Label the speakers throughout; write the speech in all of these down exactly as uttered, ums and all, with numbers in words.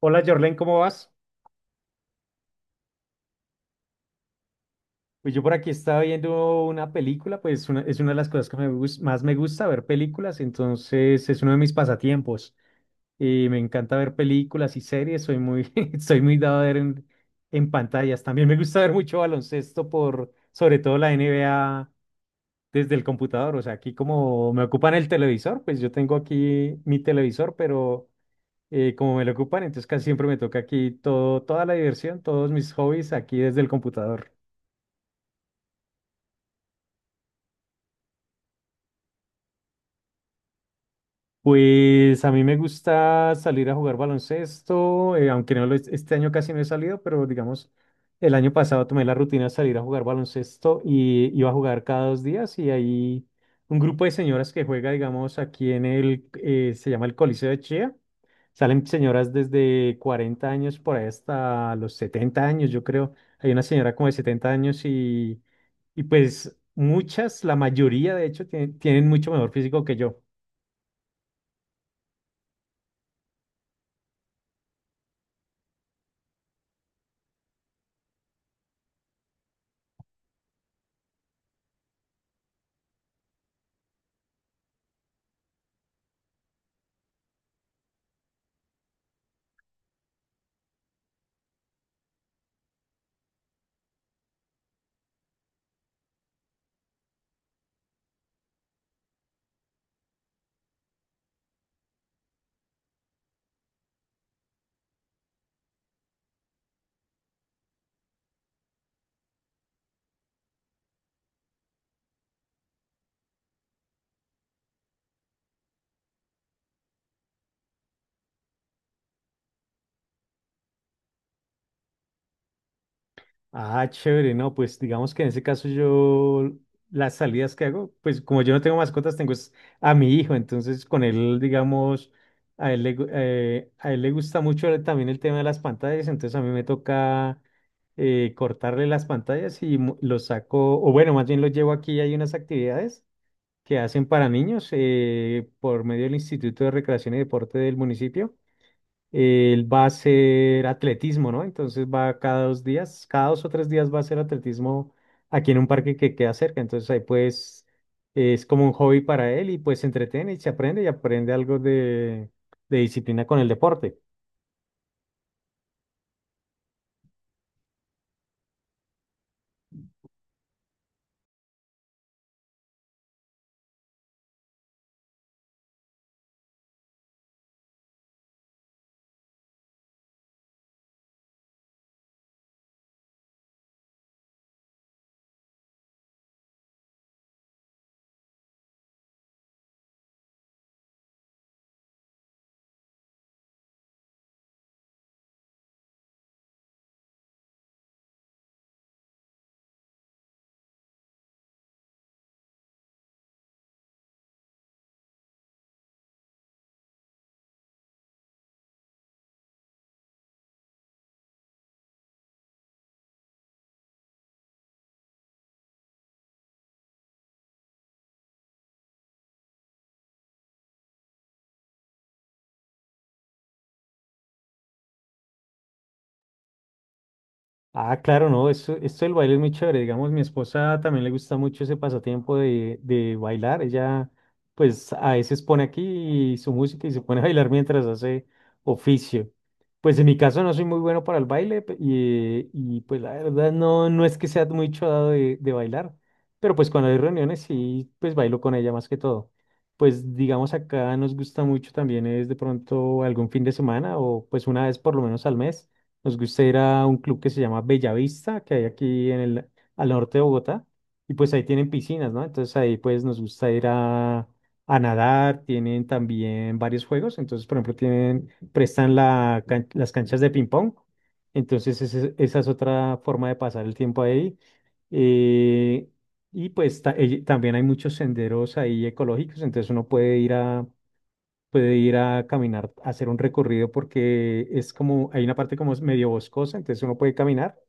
Speaker 1: Hola Jorlen, ¿cómo vas? Pues yo por aquí estaba viendo una película, pues una- es una de las cosas que me gus- más me gusta ver películas, entonces es uno de mis pasatiempos. Y me encanta ver películas y series, soy muy, soy muy dado a ver en, en pantallas. También me gusta ver mucho baloncesto por, sobre todo la N B A desde el computador. O sea, aquí como me ocupan el televisor, pues yo tengo aquí mi televisor, pero eh, como me lo ocupan, entonces casi siempre me toca aquí todo, toda la diversión, todos mis hobbies aquí desde el computador. Pues a mí me gusta salir a jugar baloncesto, eh, aunque no lo he- este año casi no he salido, pero digamos, el año pasado tomé la rutina de salir a jugar baloncesto y iba a jugar cada dos días y hay un grupo de señoras que juega, digamos, aquí en el, eh, se llama el Coliseo de Chía. Salen señoras desde cuarenta años por ahí hasta los setenta años, yo creo. Hay una señora como de setenta años y, y pues muchas, la mayoría de hecho, tiene- tienen mucho mejor físico que yo. Ah, chévere, no, pues digamos que en ese caso yo las salidas que hago, pues como yo no tengo mascotas, tengo es a mi hijo, entonces con él, digamos, a él le, gu- eh, a él le gusta mucho el- también el tema de las pantallas, entonces a mí me toca eh, cortarle las pantallas y mo- los saco, o bueno, más bien los llevo aquí, hay unas actividades que hacen para niños eh, por medio del Instituto de Recreación y Deporte del municipio. Él va a hacer atletismo, ¿no? Entonces va cada dos días, cada dos o tres días va a hacer atletismo aquí en un parque que queda cerca. Entonces ahí pues es como un hobby para él y pues se entretiene y se aprende y aprende algo de, de disciplina con el deporte. Ah, claro, no, esto, esto del baile es muy chévere. Digamos, mi esposa también le gusta mucho ese pasatiempo de, de bailar. Ella, pues, a veces pone aquí su música y se pone a bailar mientras hace oficio. Pues en mi caso no soy muy bueno para el baile pe- y, y pues la verdad no, no es que sea muy chodado de, de bailar, pero pues cuando hay reuniones sí, pues bailo con ella más que todo. Pues digamos acá nos gusta mucho también es de pronto algún fin de semana o pues una vez por lo menos al mes nos gusta ir a un club que se llama Bellavista, que hay aquí en el, al norte de Bogotá, y pues ahí tienen piscinas, ¿no? Entonces ahí pues nos gusta ir a, a nadar, tienen también varios juegos, entonces por ejemplo tienen, prestan la, can- las canchas de ping pong, entonces ese- esa es otra forma de pasar el tiempo ahí. Eh, y pues ta- eh, También hay muchos senderos ahí ecológicos, entonces uno puede ir a, puede ir a caminar, a hacer un recorrido porque es como, hay una parte como es medio boscosa, entonces uno puede caminar.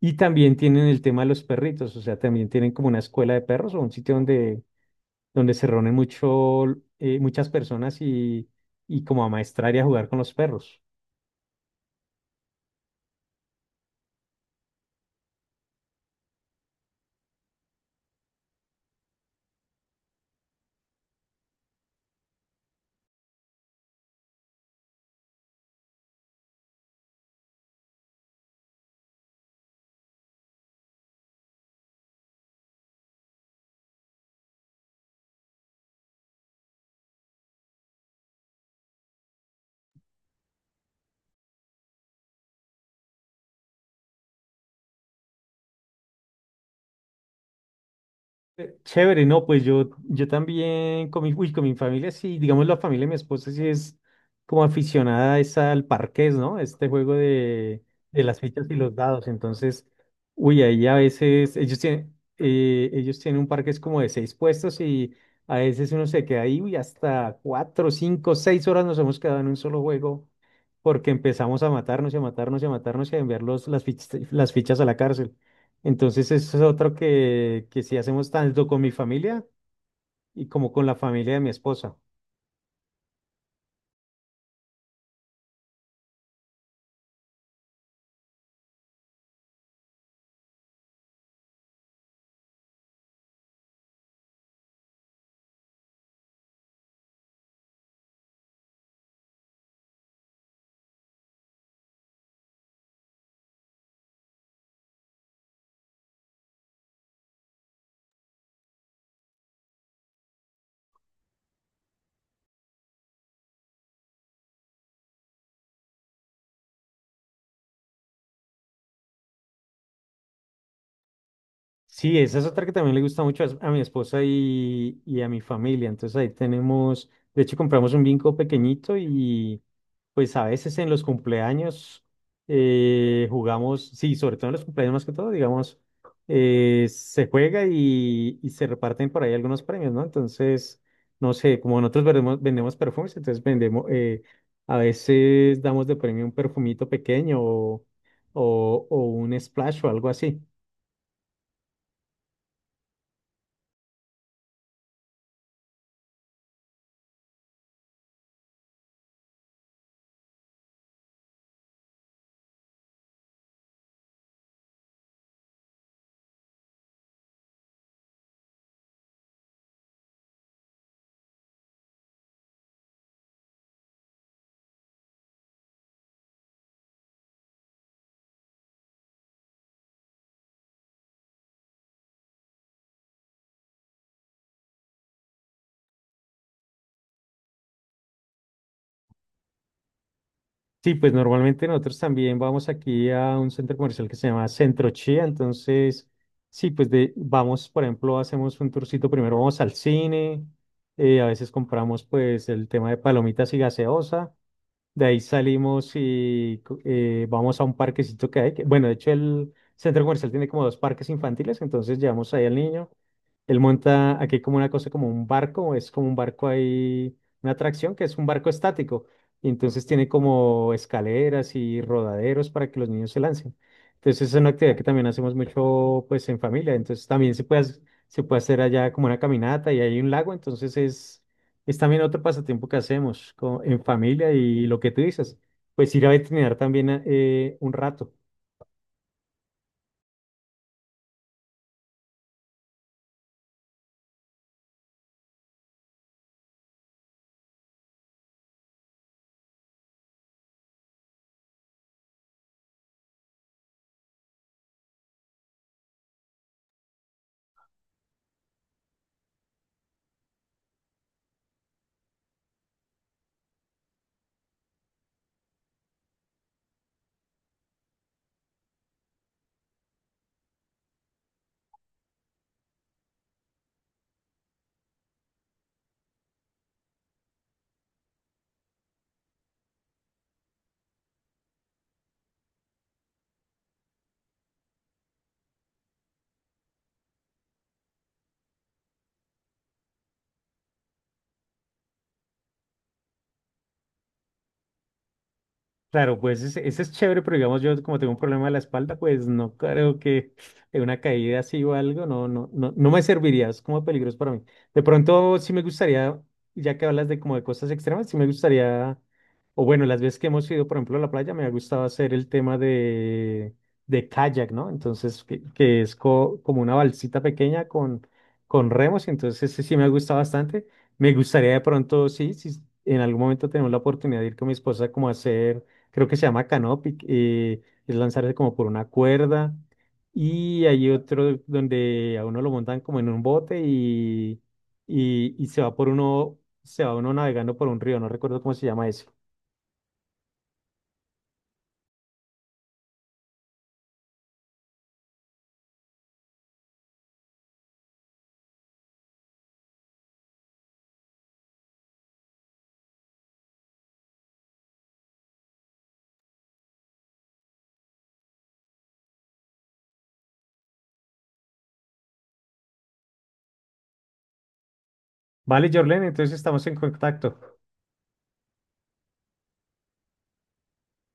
Speaker 1: Y también tienen el tema de los perritos, o sea, también tienen como una escuela de perros o un sitio donde, donde se reúnen mucho, eh, muchas personas y, y como a maestrar y a jugar con los perros. Eh, Chévere, no, pues yo, yo también con mi, uy, con mi familia, sí, digamos la familia de mi esposa sí es como aficionada es al parqués, ¿no? Este juego de, de las fichas y los dados. Entonces, uy, ahí a veces ellos tienen, eh, ellos tienen un parqués como de seis puestos y a veces uno se queda ahí, uy, hasta cuatro, cinco, seis horas nos hemos quedado en un solo juego porque empezamos a matarnos y a matarnos y a matarnos y a enviar los, las fichas, las fichas a la cárcel. Entonces, eso es otro que, que sí hacemos tanto con mi familia y como con la familia de mi esposa. Sí, esa es otra que también le gusta mucho a, a mi esposa y, y a mi familia. Entonces ahí tenemos, de hecho compramos un vinco pequeñito. Pues a veces en los cumpleaños eh, jugamos, sí, sobre todo en los cumpleaños más que todo, digamos, eh, se juega y, y se reparten por ahí algunos premios, ¿no? Entonces, no sé, como nosotros vendemos, vendemos perfumes, entonces vendemos, eh, a veces damos de premio un perfumito pequeño o, o, o un splash o algo así. Sí, pues normalmente nosotros también vamos aquí a un centro comercial que se llama Centro Chía, entonces sí, pues de, vamos, por ejemplo, hacemos un tourcito, primero vamos al cine, eh, a veces compramos pues el tema de palomitas y gaseosa, de ahí salimos y co- eh, vamos a un parquecito que hay, que- bueno, de hecho el centro comercial tiene como dos parques infantiles, entonces llevamos ahí al niño, él monta aquí como una cosa, como un barco, es como un barco ahí, una atracción que es un barco estático. Y entonces tiene como escaleras y rodaderos para que los niños se lancen. Entonces es una actividad que también hacemos mucho pues en familia. Entonces también se puede, hac- se puede hacer allá como una caminata y hay un lago. Entonces es, es también otro pasatiempo que hacemos co- en familia y lo que tú dices, pues ir a veterinar también eh, un rato. Claro, pues ese, ese es chévere, pero digamos yo como tengo un problema de la espalda, pues no creo que de una caída así o algo, no, no, no, no me serviría, es como peligroso para mí. De pronto sí me gustaría, ya que hablas de como de cosas extremas, sí me gustaría, o bueno, las veces que hemos ido, por ejemplo, a la playa, me ha gustado hacer el tema de, de kayak, ¿no? Entonces, que, que es co- como una balsita pequeña con, con remos, entonces ese sí me ha gustado bastante. Me gustaría de pronto, sí, si en algún momento tenemos la oportunidad de ir con mi esposa como a hacer creo que se llama Canopy, eh, es lanzarse como por una cuerda. Y hay otro donde a uno lo montan como en un bote y, y, y se va por uno, se va uno navegando por un río, no recuerdo cómo se llama eso. Vale, Jorlen, entonces estamos en contacto.